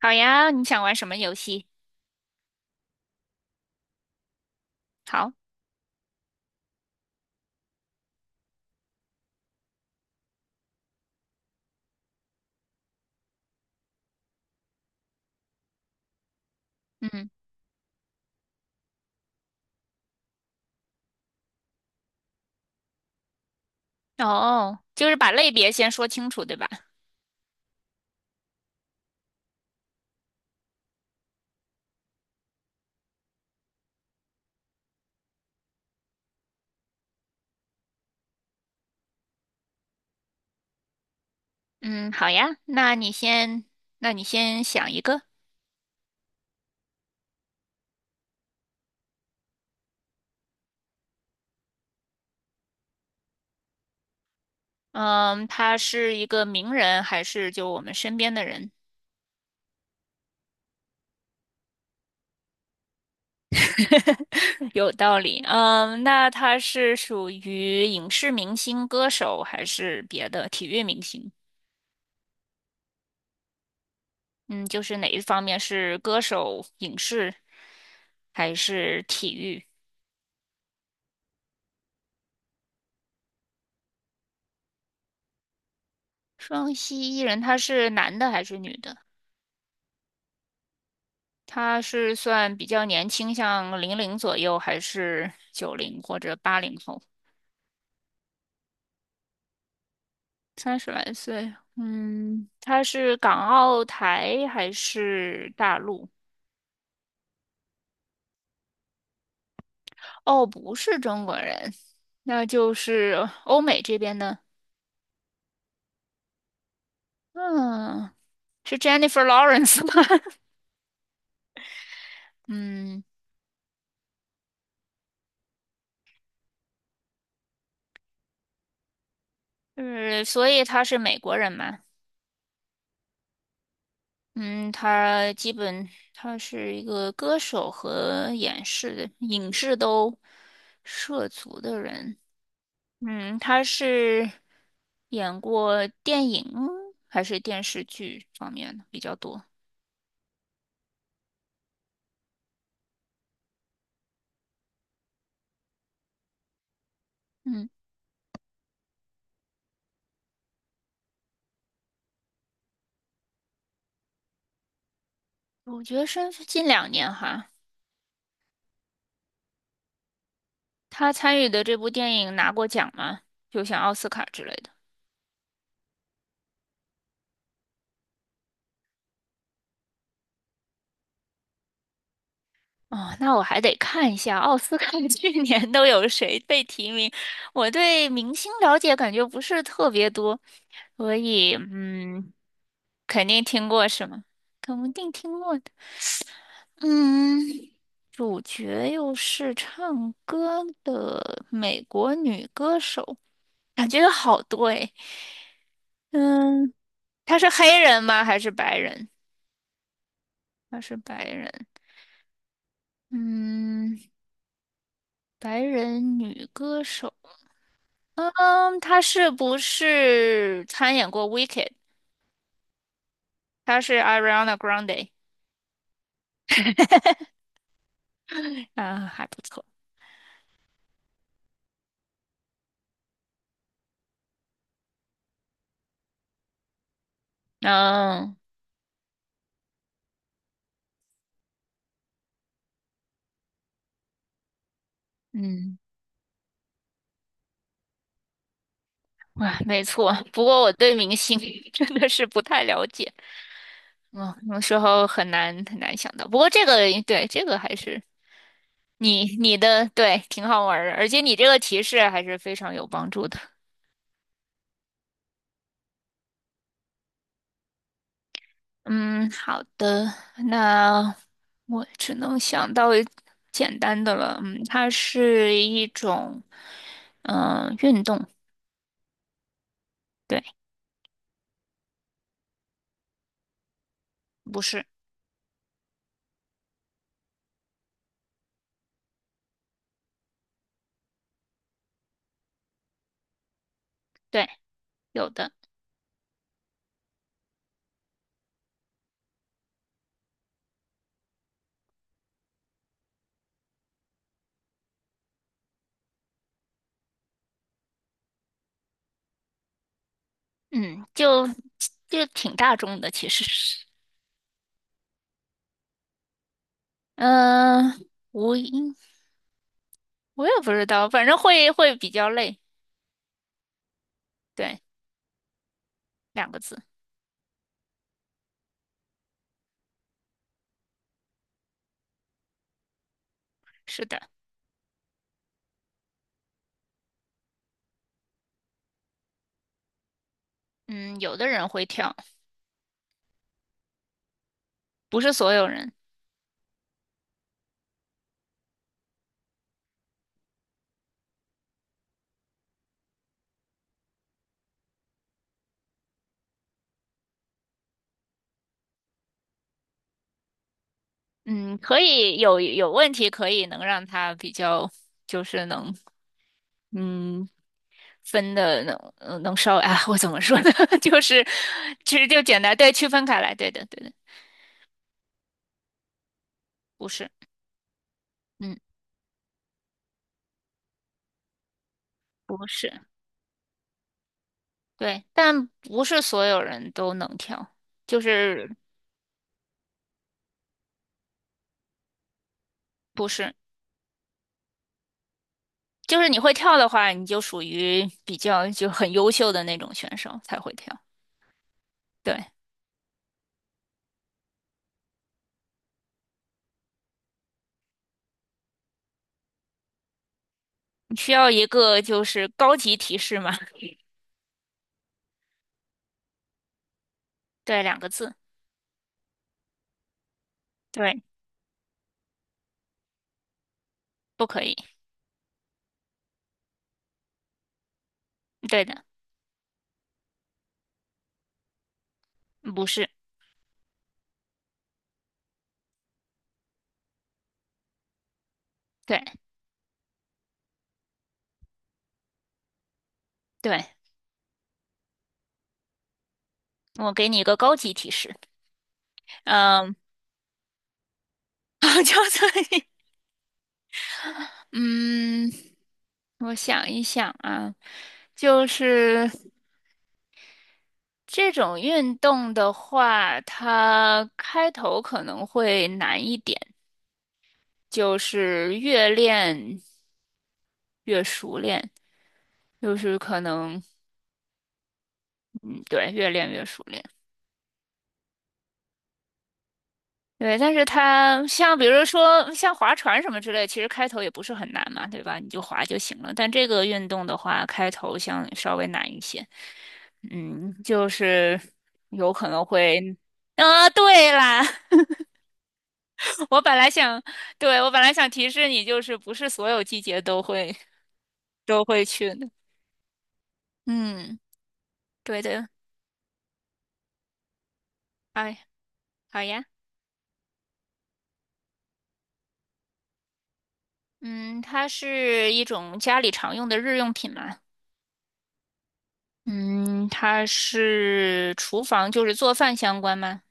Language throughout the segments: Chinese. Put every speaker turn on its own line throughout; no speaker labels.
好呀，你想玩什么游戏？好。嗯。哦，就是把类别先说清楚，对吧？嗯，好呀，那你先想一个。嗯，他是一个名人还是就我们身边的人？有道理。嗯，那他是属于影视明星、歌手还是别的体育明星？嗯，就是哪一方面是歌手、影视还是体育？双栖艺人，他是男的还是女的？他是算比较年轻，像零零左右，还是九零或者八零后？三十来岁，嗯，他是港澳台还是大陆？哦，不是中国人，那就是欧美这边的。嗯，是 Jennifer Lawrence 吗？嗯，就是所以他是美国人嘛。嗯，他基本他是一个歌手和演示影视都涉足的人。嗯，他是演过电影还是电视剧方面的比较多？嗯，主角身是近两年哈。他参与的这部电影拿过奖吗？就像奥斯卡之类的。哦，那我还得看一下奥斯卡 去年都有谁被提名。我对明星了解感觉不是特别多，所以肯定听过是吗？肯定听过的。嗯，主角又是唱歌的美国女歌手，感觉有好多诶。嗯，她是黑人吗？还是白人？她是白人。嗯，白人女歌手。嗯，她是不是参演过《Wicked》？她是 Ariana Grande。啊，还不错。嗯嗯。哇，没错。不过我对明星 真的是不太了解。嗯，有时候很难想到。不过这个对，这个还是你的对，挺好玩儿的，而且你这个提示还是非常有帮助的。嗯，好的，那我只能想到一简单的了。嗯，它是一种运动。对，不是。对，有的。嗯，就就挺大众的，其实是。嗯、无音，我也不知道，反正会比较累。对，两个字。是的。嗯，有的人会跳，不是所有人。嗯，可以有问题，可以能让他比较，就是能嗯分的能能稍微啊，我怎么说呢？就是其实就简单对区分开来，对的对的。不是。嗯，不是。对，但不是所有人都能跳，就是不是。就是你会跳的话，你就属于比较就很优秀的那种选手才会跳。对，你需要一个就是高级提示嘛。对，两个字。对，不可以。对的。不是。对对，我给你一个高级提示。嗯，就这里。嗯，我想一想啊，就是这种运动的话，它开头可能会难一点，就是越练越熟练，就是可能，嗯，对，越练越熟练。对，但是它像比如说像划船什么之类，其实开头也不是很难嘛，对吧？你就划就行了。但这个运动的话，开头像稍微难一些。嗯，就是有可能会，啊，对啦，我本来想，对，我本来想提示你，就是不是所有季节都会去的。嗯，对的。哎，好呀。嗯，它是一种家里常用的日用品嘛。嗯，它是厨房，就是做饭相关吗？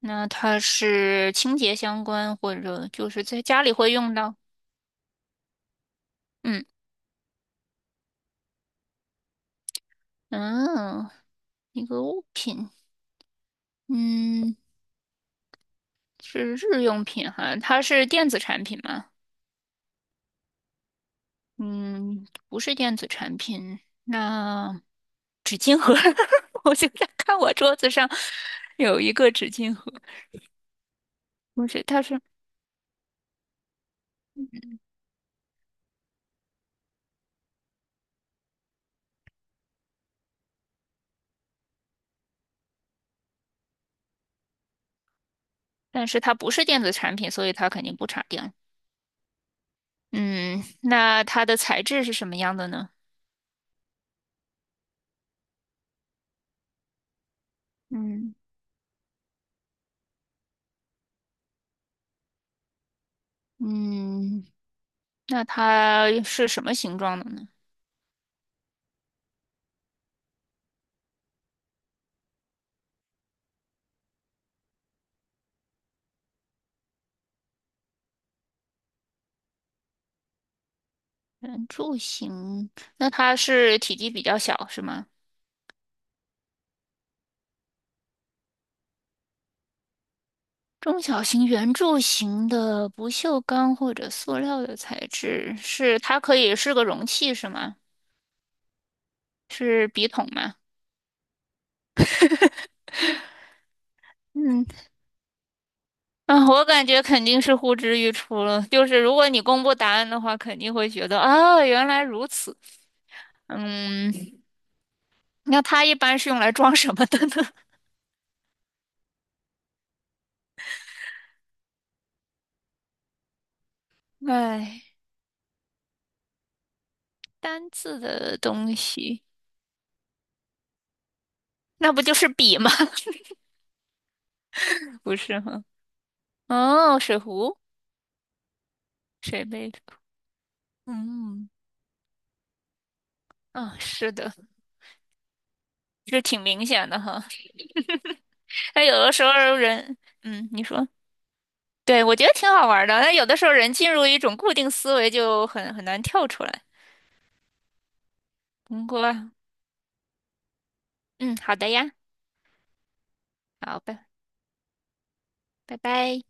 那它是清洁相关，或者就是在家里会用到。嗯嗯，一个物品。嗯，是日用品哈，它是电子产品吗？嗯，不是电子产品。那 我现在看我桌子上有一个纸巾盒。不是，它是，但是它不是电子产品，所以它肯定不插电。嗯，那它的材质是什么样的呢？嗯。嗯，那它是什么形状的呢？圆柱形，那它是体积比较小，是吗？中小型圆柱形的不锈钢或者塑料的材质，是它可以是个容器，是吗？是笔筒吗？嗯 啊，我感觉肯定是呼之欲出了。就是如果你公布答案的话，肯定会觉得啊，原来如此。嗯，那它一般是用来装什么的呢？哎，单字的东西。那不就是笔吗？不是哈。哦，水壶，水杯嗯嗯，啊，是的，这挺明显的哈。那有的时候人，嗯，你说，对，我觉得挺好玩儿的。那有的时候人进入一种固定思维，就很难跳出来。通过，嗯，好的呀。好，拜拜。